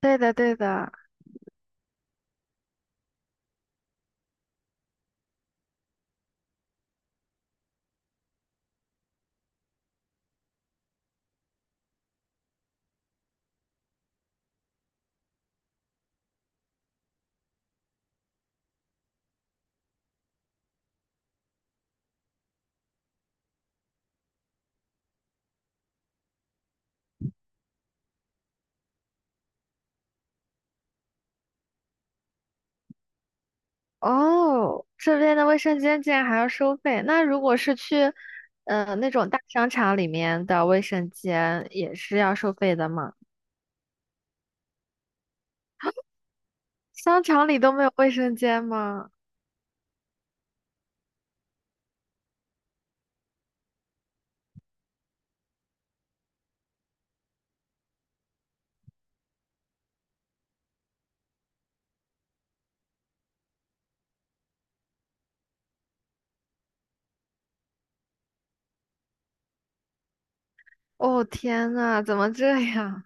对的，对的。哦，这边的卫生间竟然还要收费。那如果是去，那种大商场里面的卫生间也是要收费的吗？商场里都没有卫生间吗？哦，天呐，怎么这样？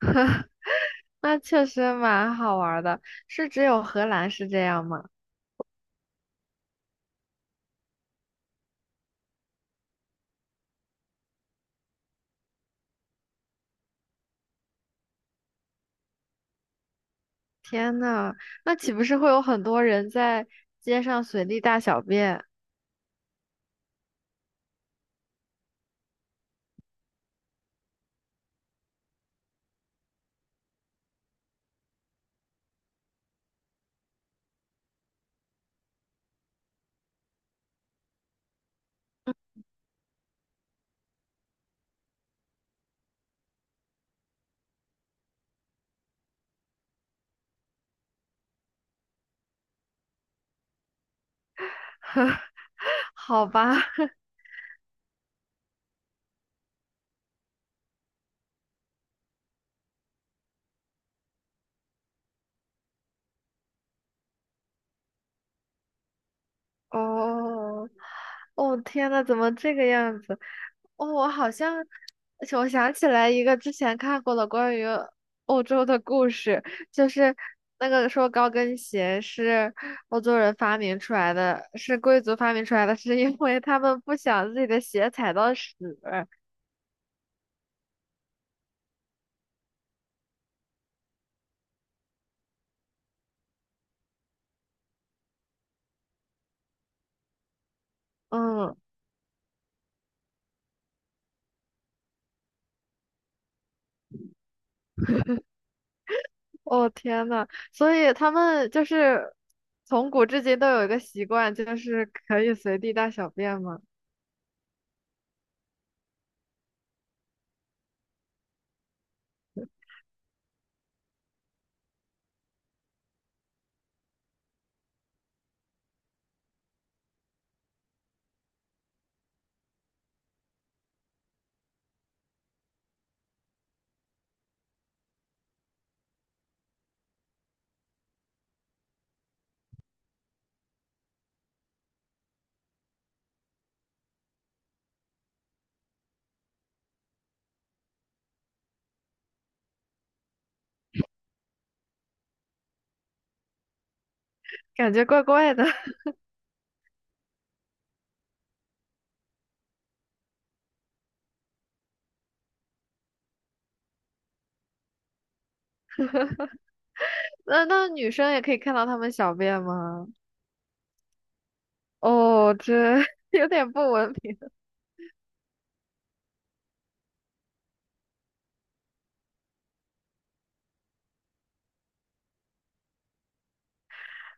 那确实蛮好玩儿的。是只有荷兰是这样吗？天呐，那岂不是会有很多人在街上随地大小便？好吧，哦，哦，天呐，怎么这个样子？哦，我好像，而且我想起来一个之前看过的关于欧洲的故事，就是那个说高跟鞋是欧洲人发明出来的，是贵族发明出来的，是因为他们不想自己的鞋踩到屎。嗯，哦天呐，所以他们就是从古至今都有一个习惯，就是可以随地大小便吗？感觉怪怪的。那女生也可以看到他们小便吗？哦，这 有点不文明。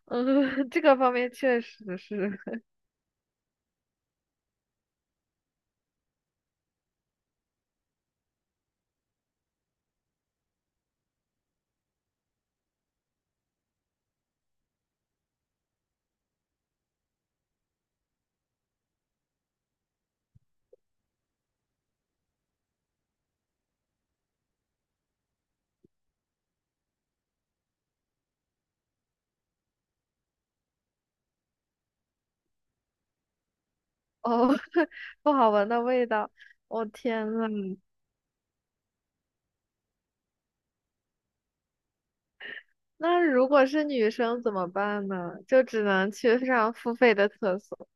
嗯，这个方面确实是。哦，不好闻的味道。我、天呐，那如果是女生怎么办呢？就只能去上付费的厕所。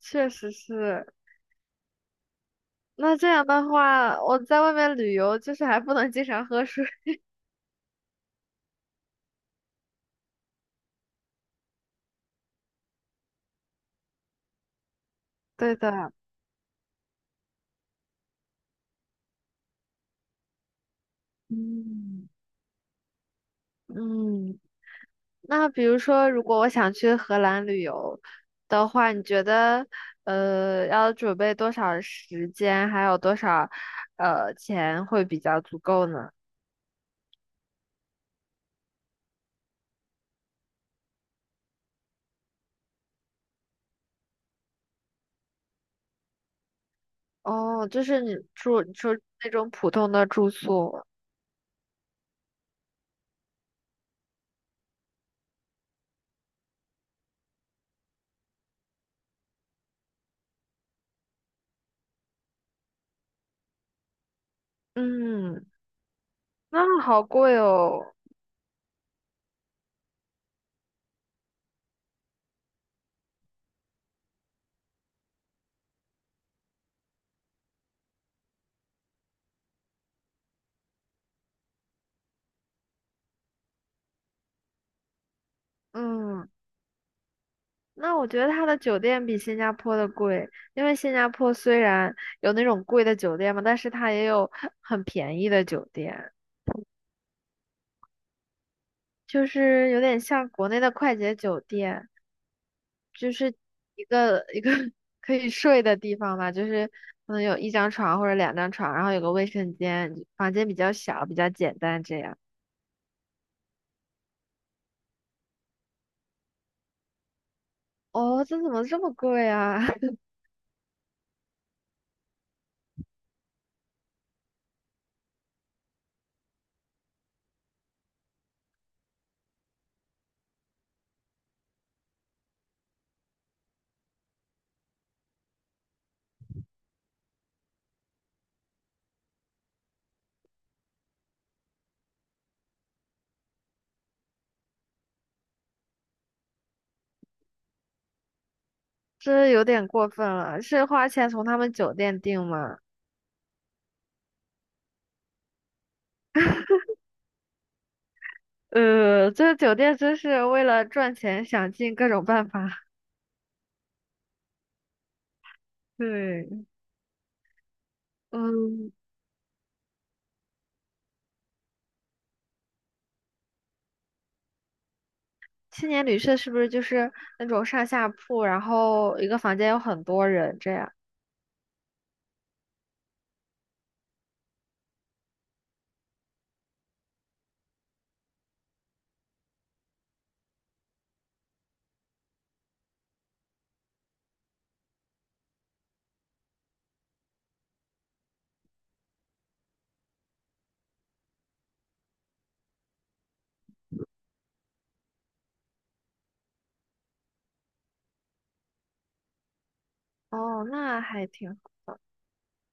确实是。那这样的话，我在外面旅游就是还不能经常喝水。对的，嗯嗯，那比如说，如果我想去荷兰旅游的话，你觉得要准备多少时间，还有多少钱会比较足够呢？哦，就是你住你说那种普通的住宿，嗯，那好贵哦，嗯，那我觉得它的酒店比新加坡的贵，因为新加坡虽然有那种贵的酒店嘛，但是它也有很便宜的酒店，就是有点像国内的快捷酒店。就是一个 可以睡的地方吧，就是可能有一张床或者两张床，然后有个卫生间，房间比较小，比较简单这样。哦，这怎么这么贵啊？这有点过分了，是花钱从他们酒店订吗？这个酒店真是为了赚钱想尽各种办法。对，嗯，青年旅社是不是就是那种上下铺，然后一个房间有很多人这样？哦，那还挺。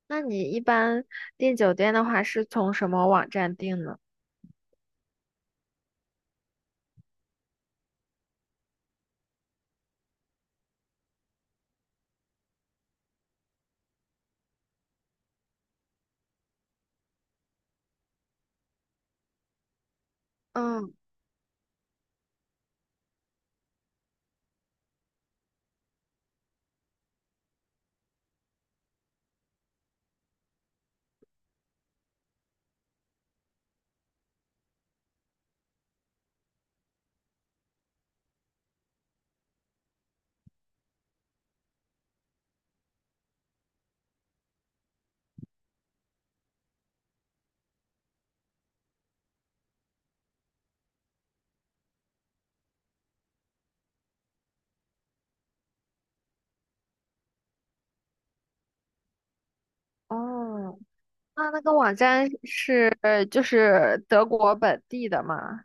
那你一般订酒店的话，是从什么网站订呢？嗯，哦，那那个网站是就是德国本地的吗？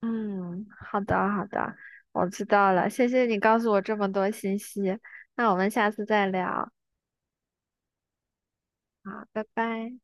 嗯，好的好的，我知道了，谢谢你告诉我这么多信息，那我们下次再聊，好，拜拜。